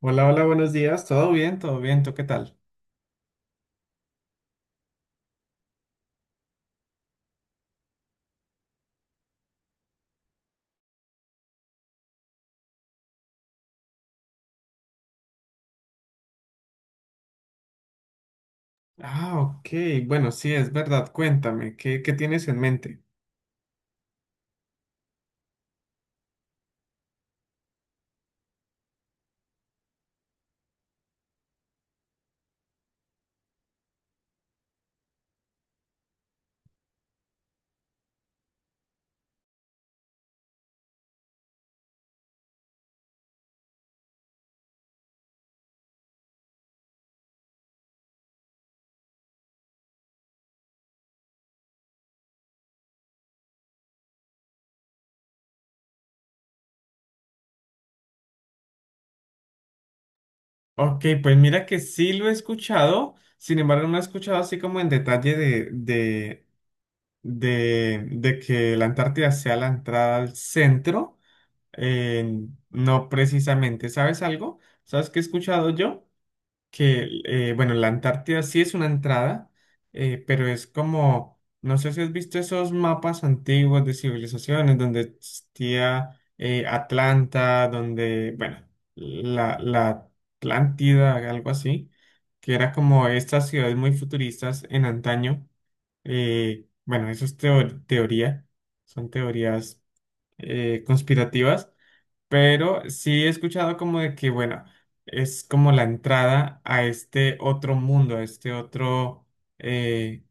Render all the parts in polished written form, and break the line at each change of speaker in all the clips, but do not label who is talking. Hola, hola, buenos días. ¿Todo bien? ¿Todo bien? ¿Tú qué tal? Ah, ok. Bueno, sí, es verdad. Cuéntame, ¿qué tienes en mente? Ok, pues mira que sí lo he escuchado, sin embargo no he escuchado así como en detalle de que la Antártida sea la entrada al centro. eh, no precisamente. ¿Sabes algo? ¿Sabes qué he escuchado yo? Que, bueno, la Antártida sí es una entrada, pero es como, no sé si has visto esos mapas antiguos de civilizaciones donde existía, Atlanta, donde, bueno, la Atlántida, algo así, que era como estas ciudades muy futuristas en antaño. Bueno, eso es teoría, son teorías conspirativas. Pero sí he escuchado como de que, bueno, es como la entrada a este otro mundo, a este otro, eh,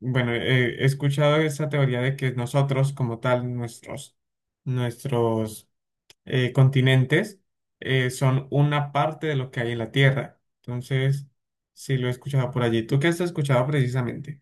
bueno, he escuchado esa teoría de que nosotros como tal, nuestros continentes son una parte de lo que hay en la Tierra. Entonces, sí lo he escuchado por allí. ¿Tú qué has escuchado precisamente?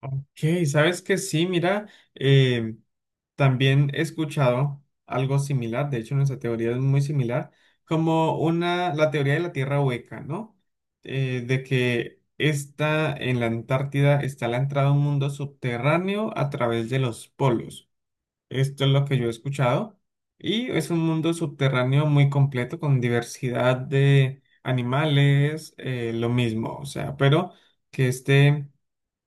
Ok, sabes que sí, mira, em, también he escuchado algo similar, de hecho nuestra teoría es muy similar, como una, la teoría de la Tierra hueca, ¿no? De que está en la Antártida, está la entrada a un mundo subterráneo a través de los polos. Esto es lo que yo he escuchado. Y es un mundo subterráneo muy completo con diversidad de animales, lo mismo, o sea, pero que este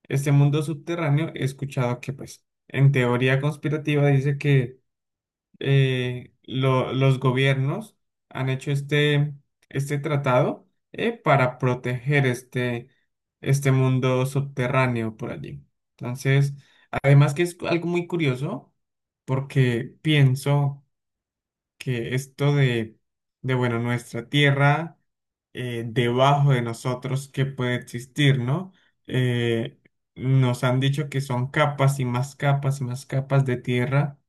este mundo subterráneo, he escuchado que, pues, en teoría conspirativa dice que los gobiernos han hecho este, este tratado, para proteger este, este mundo subterráneo por allí. Entonces, además que es algo muy curioso, porque pienso que esto de bueno, nuestra tierra, debajo de nosotros que puede existir, ¿no? Eh, Nos han dicho que son capas y más capas y más capas de tierra,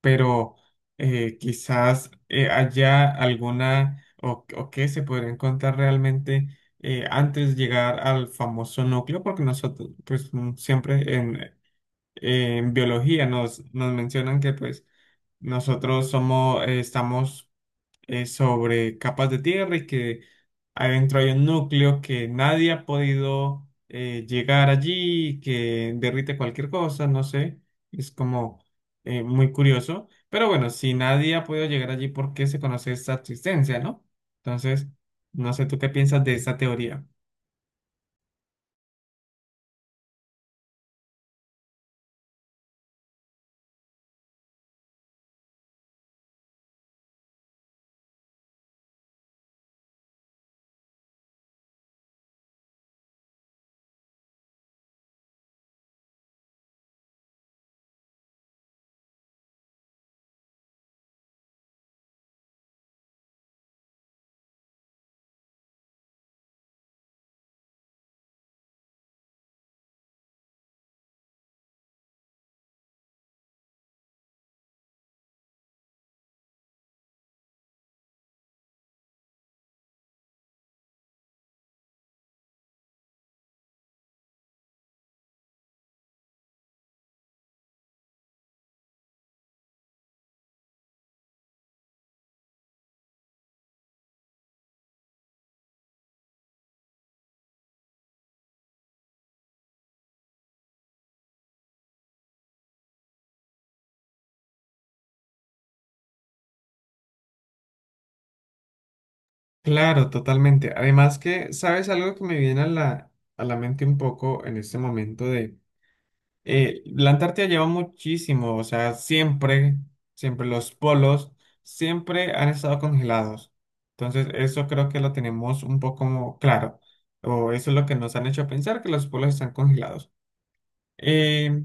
pero quizás haya alguna, o que se podría encontrar realmente antes de llegar al famoso núcleo, porque nosotros, pues siempre en biología nos mencionan que pues nosotros somos, estamos sobre capas de tierra y que adentro hay un núcleo que nadie ha podido, llegar allí, que derrite cualquier cosa, no sé, es como muy curioso. Pero bueno, si nadie ha podido llegar allí, ¿por qué se conoce esta existencia, no? Entonces, no sé tú qué piensas de esta teoría. Claro, totalmente. Además que, ¿sabes algo que me viene a la mente un poco en este momento? La Antártida lleva muchísimo, o sea, siempre, siempre los polos siempre han estado congelados. Entonces, eso creo que lo tenemos un poco claro, o eso es lo que nos han hecho pensar, que los polos están congelados. Eh,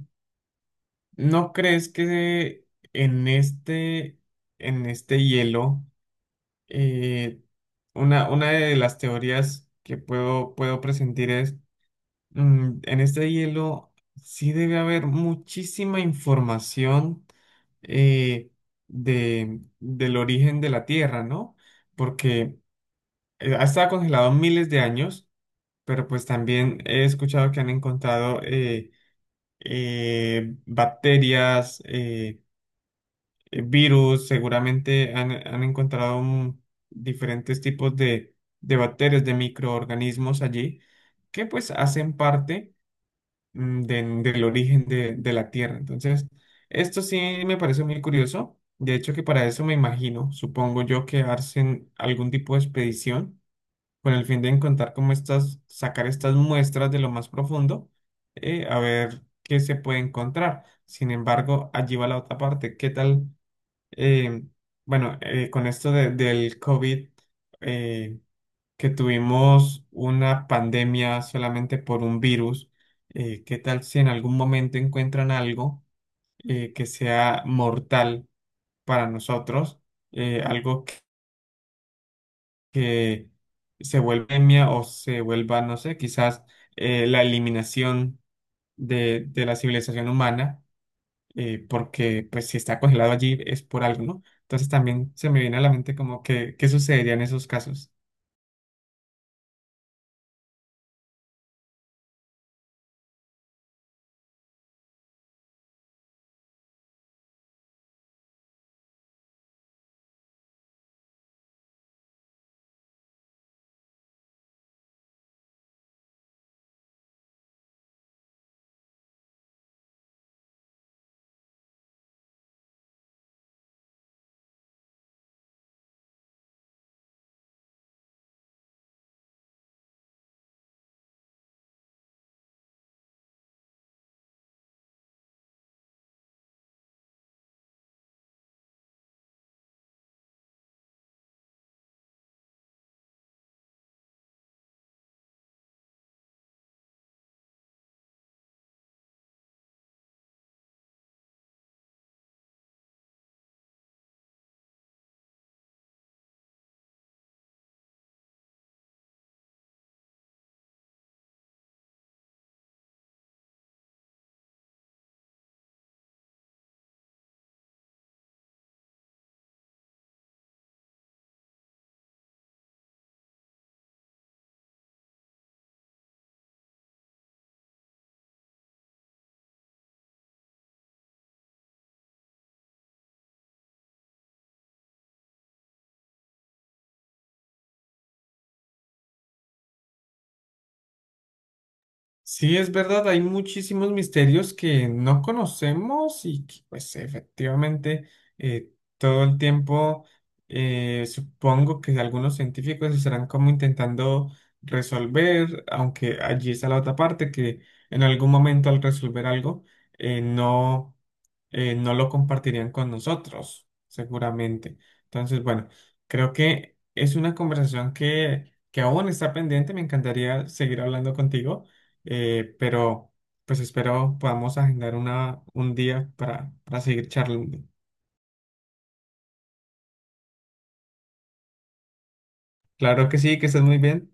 ¿No crees que en este, en este hielo, eh, una de las teorías que puedo presentir es... Mm, en este hielo sí debe haber muchísima información, eh, de, del origen de la Tierra, ¿no? Porque ha estado congelado miles de años, pero pues también he escuchado que han encontrado bacterias, virus, seguramente han, han encontrado diferentes tipos de bacterias, de microorganismos allí, que pues hacen parte del origen de la Tierra. Entonces, esto sí me parece muy curioso. De hecho, que para eso me imagino, supongo yo, que hacen algún tipo de expedición con el fin de encontrar cómo estas, sacar estas muestras de lo más profundo, a ver qué se puede encontrar. Sin embargo, allí va la otra parte. ¿Qué tal? eh, bueno, con esto del COVID, eh, que tuvimos una pandemia solamente por un virus, ¿qué tal si en algún momento encuentran algo, que sea mortal para nosotros? Algo que se vuelva pandemia o se vuelva, no sé, quizás la eliminación de la civilización humana, porque pues si está congelado allí es por algo, ¿no? Entonces también se me viene a la mente como que, ¿qué sucedería en esos casos? Sí, es verdad, hay muchísimos misterios que no conocemos y que pues efectivamente eh, todo el tiempo supongo que algunos científicos estarán como intentando resolver, aunque allí está la otra parte, que en algún momento al resolver algo, eh, no, no lo compartirían con nosotros, seguramente. Entonces, bueno, creo que es una conversación que aún está pendiente, me encantaría seguir hablando contigo. Pero pues espero podamos agendar una, un día para seguir charlando. Claro que sí, que estés muy bien.